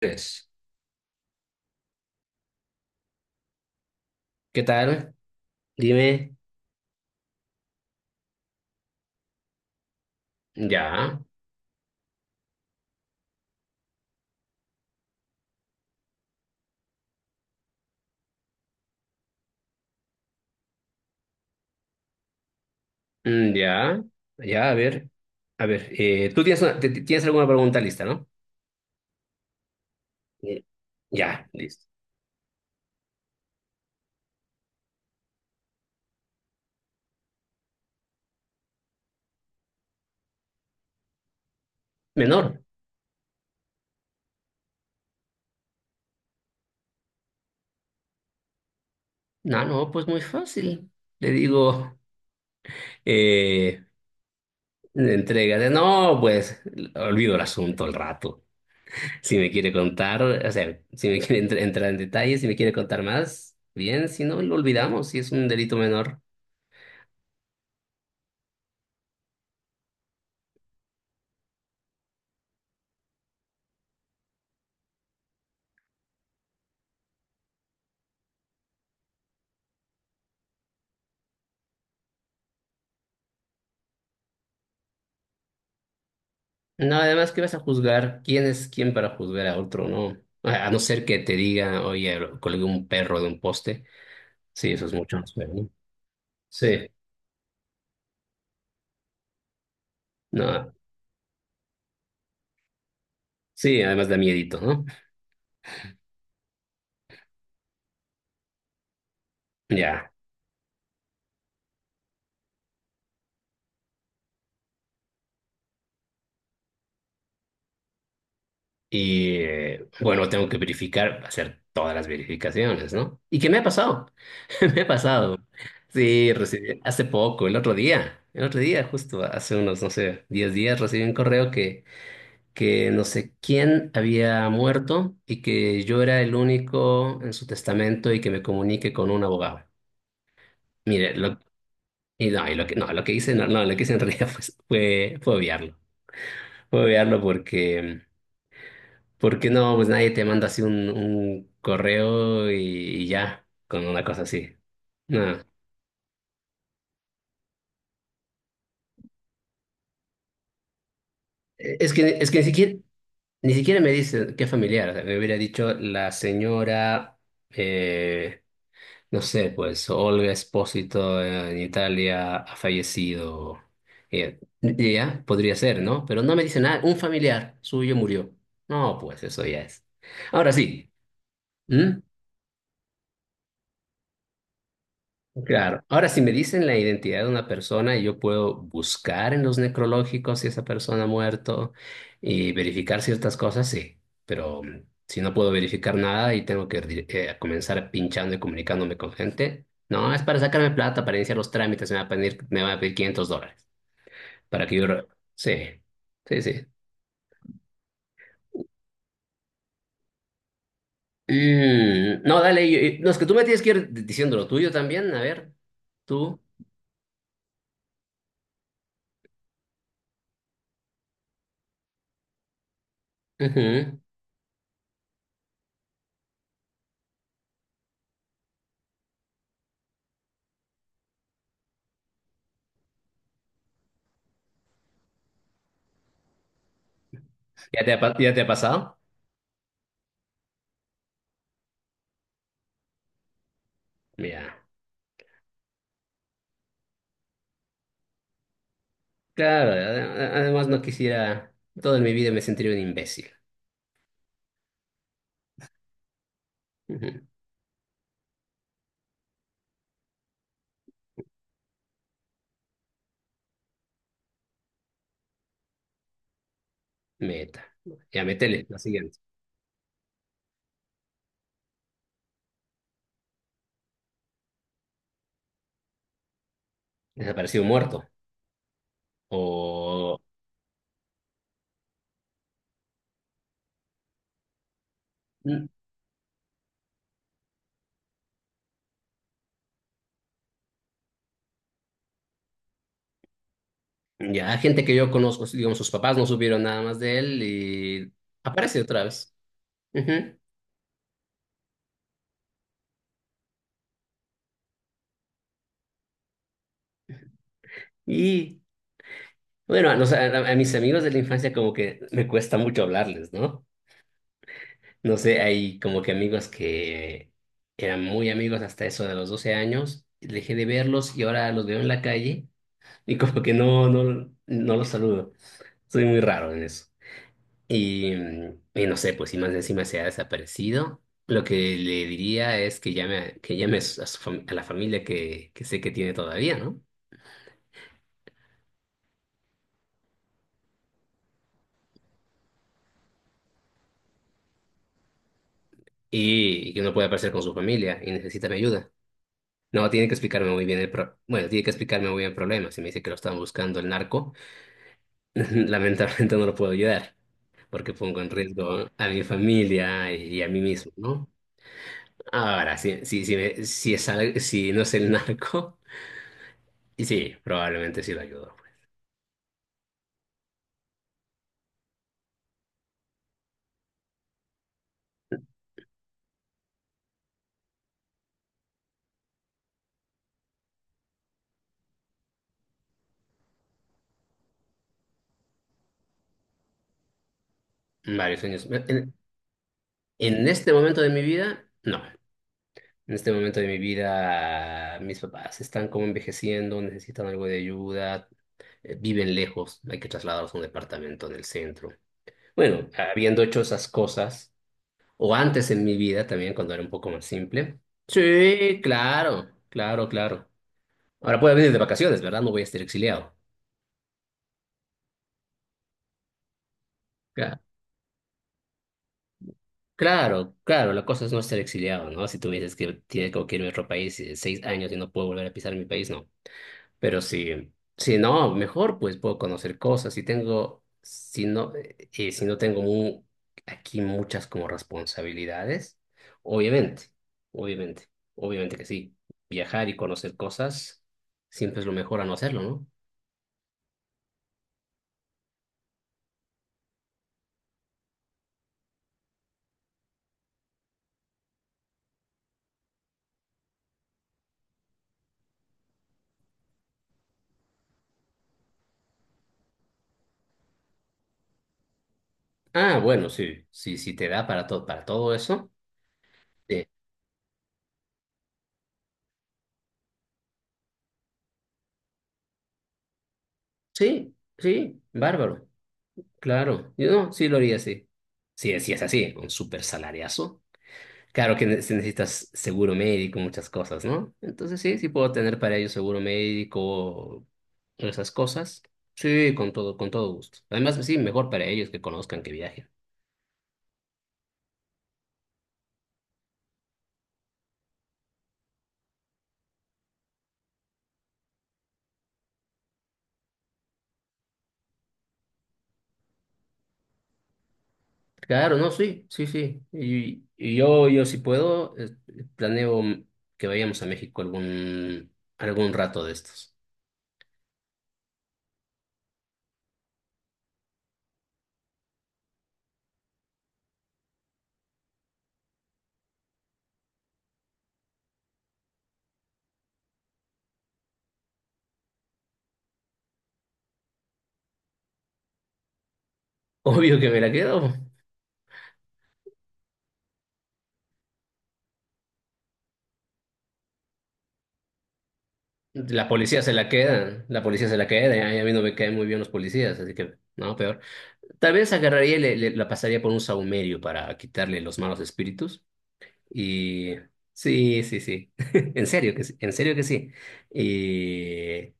Tres. ¿Qué tal? Dime. Ya, ya, ya, a ver. A ver, tú tienes, tienes alguna pregunta lista, ¿no? Eh, Ya, listo. Menor. No, no, pues muy fácil. Le digo, eh, entrégate. No, pues olvido el asunto al rato. Si me quiere contar, o sea, si me quiere entrar en detalles, si me quiere contar más, bien, si no, lo olvidamos, si es un delito menor. No, además que vas a juzgar, ¿quién es quién para juzgar a otro, no? A no ser que te diga, oye, colgué un perro de un poste. Sí, eso es mucho más feo, ¿no? Sí, no, sí, además da miedito, ¿no? Ya. Y bueno, tengo que verificar, hacer todas las verificaciones, ¿no? ¿Y qué me ha pasado? Me ha pasado. Sí, recibí hace poco, el otro día, justo hace unos, no sé, 10 días, recibí un correo que no sé quién había muerto y que yo era el único en su testamento y que me comunique con un abogado. Mire, lo, y no, y lo que, no, lo que hice, no, no, lo que hice en realidad fue obviarlo. Fue obviarlo porque no, pues nadie te manda así un correo y ya, con una cosa así. No. Es que ni siquiera, ni siquiera me dice qué familiar. O sea, me hubiera dicho la señora eh, no sé, pues Olga Espósito en Italia ha fallecido. Y ya, podría ser, ¿no? Pero no me dice nada. Un familiar suyo murió. No, pues eso ya es. Ahora sí. ¿Mm? Claro. Ahora, si me dicen la identidad de una persona, yo puedo buscar en los necrológicos si esa persona ha muerto y verificar ciertas cosas, sí. Pero si no puedo verificar nada y tengo que comenzar pinchando y comunicándome con gente, no, es para sacarme plata, para iniciar los trámites, me va a pedir $500 para que yo. Sí, sí, sí. Mm, no, dale, no, es que tú me tienes que ir diciendo lo tuyo también, a ver, tú. Ujú. ¿Ya te ha pasado? Ya. Claro, además no quisiera, toda mi vida me sentiría un imbécil. Ujú. Meta. Ya métele, la siguiente. Desaparecido muerto. O mm, ya gente que yo conozco, digamos, sus papás no supieron nada más de él y aparece otra vez. Ujú. Y bueno, a mis amigos de la infancia como que me cuesta mucho hablarles, ¿no? No sé, hay como que amigos que eran muy amigos hasta eso de los 12 años, dejé de verlos y ahora los veo en la calle. Y como que no, no, no los saludo. Soy muy raro en eso. Y no sé, pues si más encima se ha desaparecido, lo que le diría es que llame, a la familia que sé que tiene todavía, ¿no? Y que no puede aparecer con su familia y necesita mi ayuda. No, tiene que explicarme muy bien el problema. Si me dice que lo están buscando el narco, lamentablemente no lo puedo ayudar, porque pongo en riesgo a mi familia y a mí mismo, ¿no? Ahora, si no es el narco, y sí, probablemente sí lo ayudo. Pues, varios años. En este momento de mi vida, no. En este momento de mi vida, mis papás están como envejeciendo, necesitan algo de ayuda, viven lejos, hay que trasladarlos a un departamento en el centro. Bueno, habiendo hecho esas cosas, o antes en mi vida también, cuando era un poco más simple. Sí, claro, claro, claro. Ahora puedo venir de vacaciones, ¿verdad? No voy a estar exiliado. Claro. Claro, claro, la cosa es no ser exiliado, ¿no? Si tú me dices que tiene que irme a otro país y 6 años y no puedo volver a pisar mi país, no. Pero si no, mejor pues puedo conocer cosas. Si tengo, si no, si no tengo aquí muchas como responsabilidades, obviamente, obviamente, obviamente que sí. Viajar y conocer cosas siempre es lo mejor a no hacerlo, ¿no? Ah, bueno, sí, sí, sí te da para todo eso. Sí, sí, sí, bárbaro. Claro, yo no, sí lo haría así. Sí, sí es así, un súper salariazo. Claro que si necesitas seguro médico, muchas cosas, ¿no? Entonces sí, sí puedo tener para ello seguro médico, esas cosas. Sí, con todo gusto. Además, sí, mejor para ellos que conozcan, que viajen. Claro, no, sí, sí, sí. Y yo si puedo, planeo que vayamos a México algún rato de estos. Obvio que me la quedo. La policía se la queda, la policía se la queda, y a mí no me caen muy bien los policías, así que no, peor. Tal vez agarraría y la pasaría por un sahumerio para quitarle los malos espíritus. Y sí, sí, sí, en serio que sí, en serio que sí. Y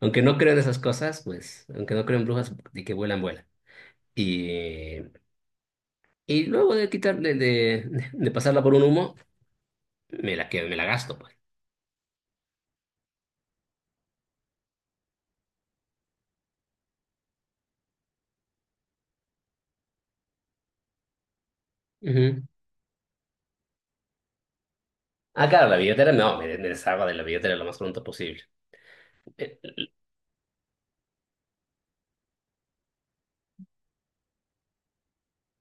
aunque no creo en esas cosas, pues, aunque no creo en brujas, de que vuelan, vuelan. Y, y luego de quitarle, de pasarla por un humo, me la quedo, me la gasto, pues. Ujú. Ah, claro, la billetera no, me deshago de la billetera lo más pronto posible. Eh,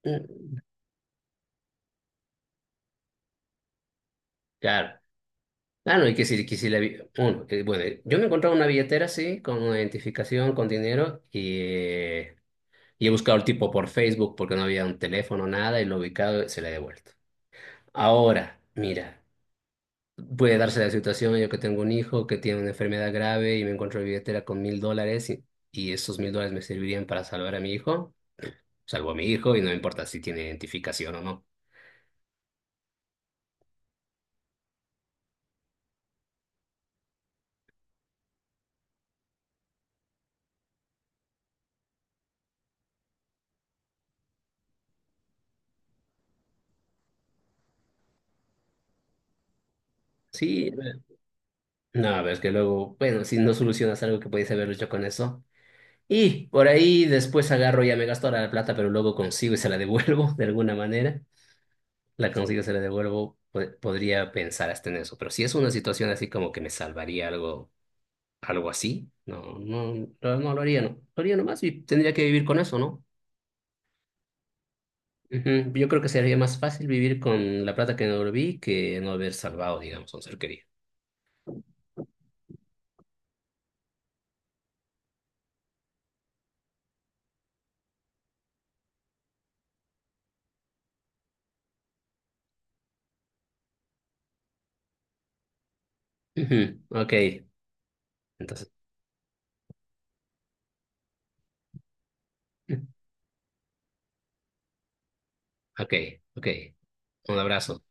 Mm, claro. Ah, no, y que si la yo me he encontrado una billetera así, con una identificación, con dinero, y he buscado el tipo por Facebook porque no había un teléfono, nada, y lo he ubicado, se la he devuelto. Ahora, mira, puede darse la situación, yo que tengo un hijo que tiene una enfermedad grave y me encuentro la billetera con $1000 y esos $1000 me servirían para salvar a mi hijo, salvo a mi hijo y no me importa si tiene identificación o no. Sí, no, a ver, es que luego, bueno, si no solucionas algo que podías haber hecho con eso. Y por ahí después agarro, ya me gasto la plata, pero luego consigo y se la devuelvo de alguna manera. La consigo, se la devuelvo. Podría pensar hasta en eso. Pero si es una situación así como que me salvaría algo, algo así, no, no, no, no lo haría, no. Lo haría nomás y tendría que vivir con eso, ¿no? Ujú. Yo creo que sería más fácil vivir con la plata que no devolví que no haber salvado, digamos, a un ser querido. Ujú. Ok, entonces, ok, ok. Un abrazo.